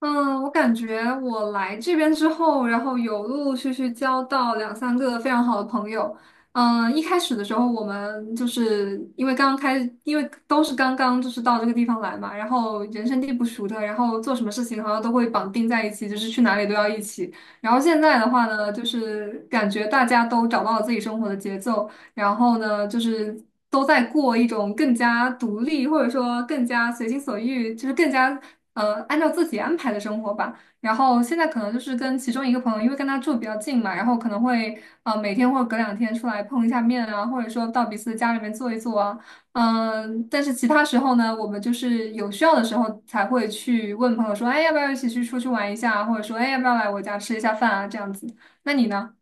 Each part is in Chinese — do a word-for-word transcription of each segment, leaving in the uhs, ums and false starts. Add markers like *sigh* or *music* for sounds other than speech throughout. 嗯，我感觉我来这边之后，然后有陆陆续续交到两三个非常好的朋友。嗯，一开始的时候，我们就是因为刚刚开，因为都是刚刚就是到这个地方来嘛，然后人生地不熟的，然后做什么事情好像都会绑定在一起，就是去哪里都要一起。然后现在的话呢，就是感觉大家都找到了自己生活的节奏，然后呢，就是都在过一种更加独立，或者说更加随心所欲，就是更加呃按照自己安排的生活吧。然后现在可能就是跟其中一个朋友，因为跟他住比较近嘛，然后可能会呃每天或者隔两天出来碰一下面啊，或者说到彼此的家里面坐一坐啊，嗯、但是其他时候呢，我们就是有需要的时候才会去问朋友说，哎，要不要一起去出去玩一下啊，或者说，哎，要不要来我家吃一下饭啊，这样子。那你呢？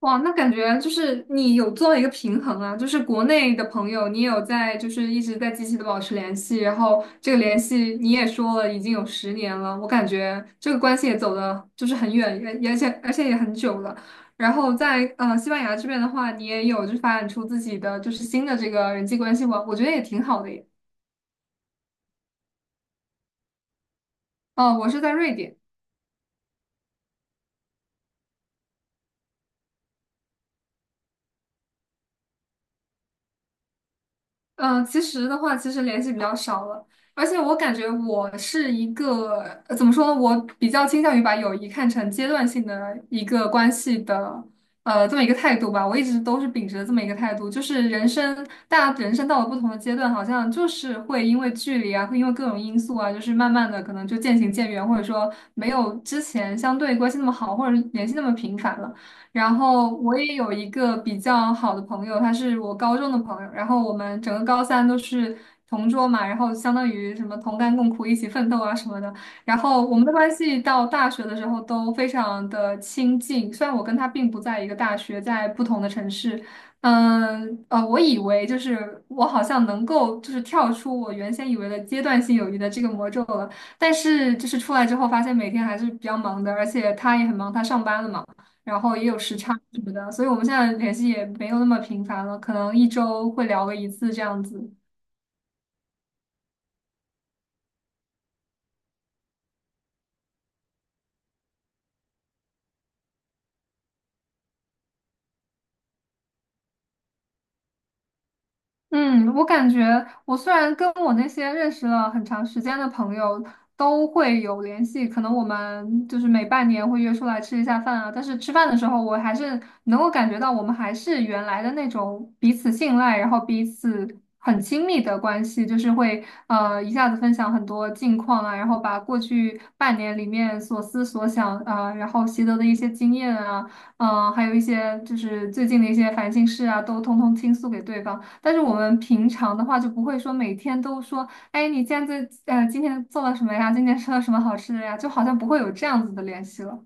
哇，那感觉就是你有做一个平衡啊，就是国内的朋友，你有在就是一直在积极的保持联系，然后这个联系你也说了已经有十年了，我感觉这个关系也走的就是很远，也而且而且也很久了。然后在呃西班牙这边的话，你也有就是发展出自己的就是新的这个人际关系网，我觉得也挺好的耶。哦，我是在瑞典。嗯，其实的话，其实联系比较少了，而且我感觉我是一个，呃怎么说呢，我比较倾向于把友谊看成阶段性的一个关系的，呃，这么一个态度吧。我一直都是秉持着这么一个态度，就是人生，大家人生到了不同的阶段，好像就是会因为距离啊，会因为各种因素啊，就是慢慢的可能就渐行渐远，或者说没有之前相对关系那么好，或者是联系那么频繁了。然后我也有一个比较好的朋友，他是我高中的朋友，然后我们整个高三都是同桌嘛，然后相当于什么同甘共苦、一起奋斗啊什么的。然后我们的关系到大学的时候都非常的亲近，虽然我跟他并不在一个大学，在不同的城市。嗯，呃，我以为就是我好像能够就是跳出我原先以为的阶段性友谊的这个魔咒了，但是就是出来之后发现每天还是比较忙的，而且他也很忙，他上班了嘛。然后也有时差什么的，所以我们现在联系也没有那么频繁了，可能一周会聊个一次这样子。嗯，我感觉我虽然跟我那些认识了很长时间的朋友都会有联系，可能我们就是每半年会约出来吃一下饭啊，但是吃饭的时候，我还是能够感觉到我们还是原来的那种彼此信赖，然后彼此很亲密的关系，就是会呃一下子分享很多近况啊，然后把过去半年里面所思所想啊，呃然后习得的一些经验啊，嗯、还有一些就是最近的一些烦心事啊，都通通倾诉给对方。但是我们平常的话就不会说每天都说，哎，你现在呃今天做了什么呀？今天吃了什么好吃的呀？就好像不会有这样子的联系了。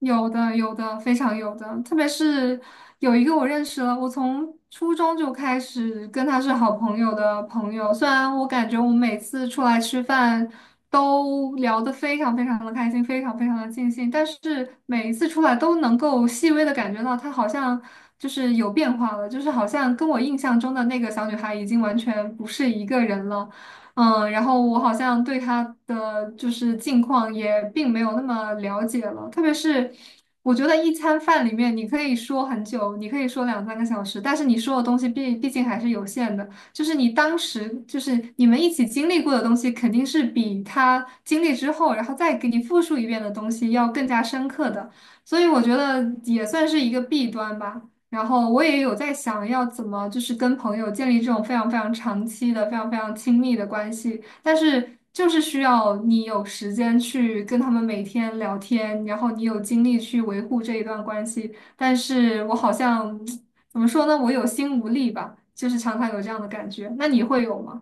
有的，有的，非常有的。特别是有一个我认识了，我从初中就开始跟他是好朋友的朋友。虽然我感觉我们每次出来吃饭都聊得非常非常的开心，非常非常的尽兴，但是每一次出来都能够细微的感觉到他好像就是有变化了，就是好像跟我印象中的那个小女孩已经完全不是一个人了。嗯，然后我好像对他的就是近况也并没有那么了解了，特别是我觉得一餐饭里面你可以说很久，你可以说两三个小时，但是你说的东西毕毕竟还是有限的，就是你当时就是你们一起经历过的东西，肯定是比他经历之后，然后再给你复述一遍的东西要更加深刻的，所以我觉得也算是一个弊端吧。然后我也有在想要怎么就是跟朋友建立这种非常非常长期的、非常非常亲密的关系，但是就是需要你有时间去跟他们每天聊天，然后你有精力去维护这一段关系，但是我好像 *tsk* 怎么说呢，我有心无力吧，就是常常有这样的感觉。那你会有吗？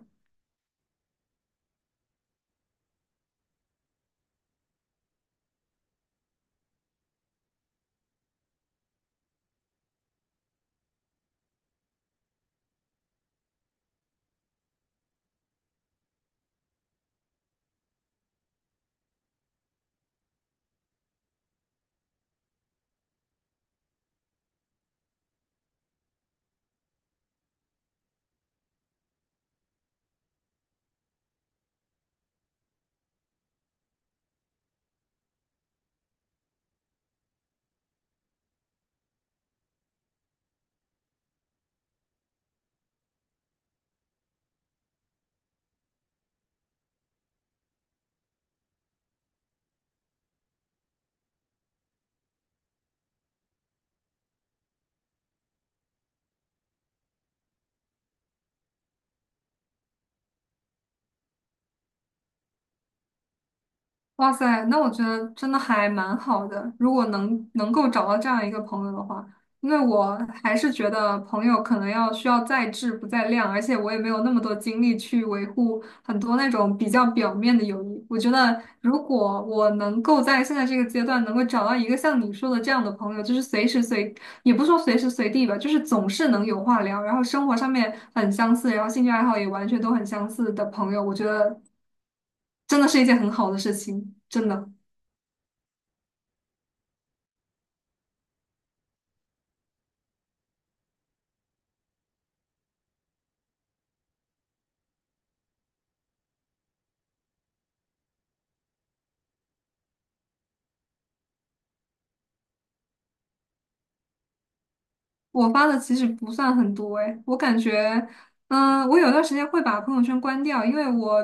哇塞，那我觉得真的还蛮好的。如果能能够找到这样一个朋友的话，因为我还是觉得朋友可能要需要在质不在量，而且我也没有那么多精力去维护很多那种比较表面的友谊。我觉得，如果我能够在现在这个阶段能够找到一个像你说的这样的朋友，就是随时随，也不说随时随地吧，就是总是能有话聊，然后生活上面很相似，然后兴趣爱好也完全都很相似的朋友，我觉得真的是一件很好的事情，真的。我发的其实不算很多诶，我感觉，嗯、我有段时间会把朋友圈关掉，因为我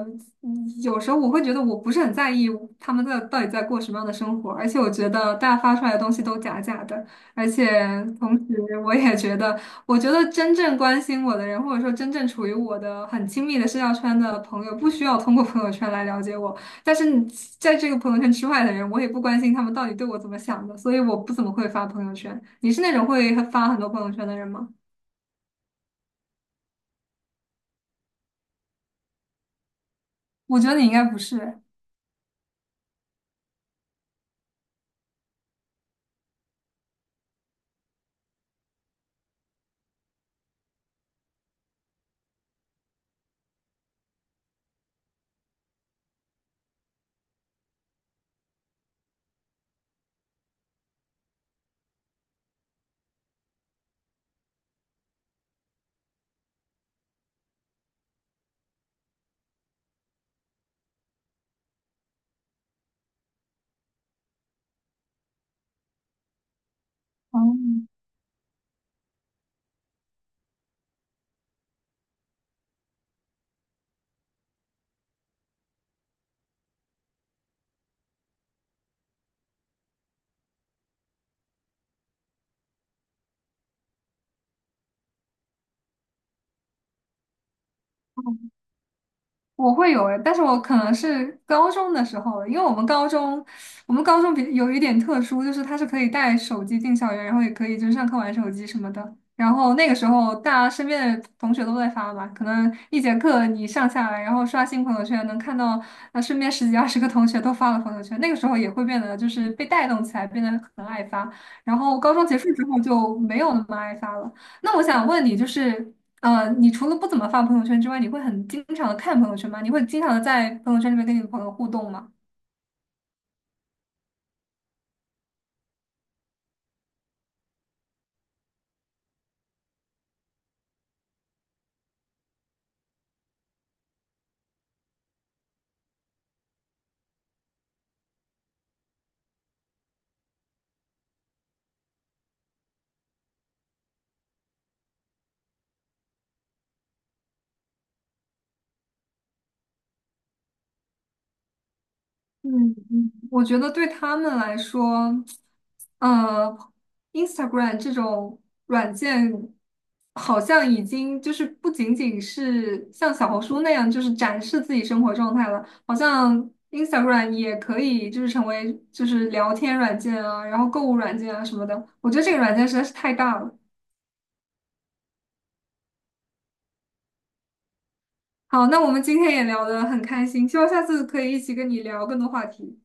嗯有时候我会觉得我不是很在意他们在到底在过什么样的生活，而且我觉得大家发出来的东西都假假的，而且同时我也觉得，我觉得真正关心我的人，或者说真正处于我的很亲密的社交圈的朋友，不需要通过朋友圈来了解我，但是你在这个朋友圈之外的人，我也不关心他们到底对我怎么想的，所以我不怎么会发朋友圈。你是那种会发很多朋友圈的人吗？我觉得你应该不是。哦，我会有诶，但是我可能是高中的时候了，因为我们高中，我们高中比有一点特殊，就是它是可以带手机进校园，然后也可以就是上课玩手机什么的。然后那个时候，大家身边的同学都在发嘛，可能一节课你上下来，然后刷新朋友圈，能看到啊身边十几二十个同学都发了朋友圈。那个时候也会变得就是被带动起来，变得很爱发。然后高中结束之后就没有那么爱发了。那我想问你，就是呃，你除了不怎么发朋友圈之外，你会很经常的看朋友圈吗？你会经常的在朋友圈里面跟你的朋友互动吗？嗯嗯我觉得对他们来说，呃，Instagram 这种软件好像已经就是不仅仅是像小红书那样，就是展示自己生活状态了，好像 Instagram 也可以就是成为就是聊天软件啊，然后购物软件啊什么的。我觉得这个软件实在是太大了。好，那我们今天也聊得很开心，希望下次可以一起跟你聊更多话题。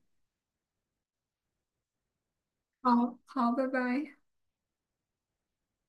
好，好，拜拜。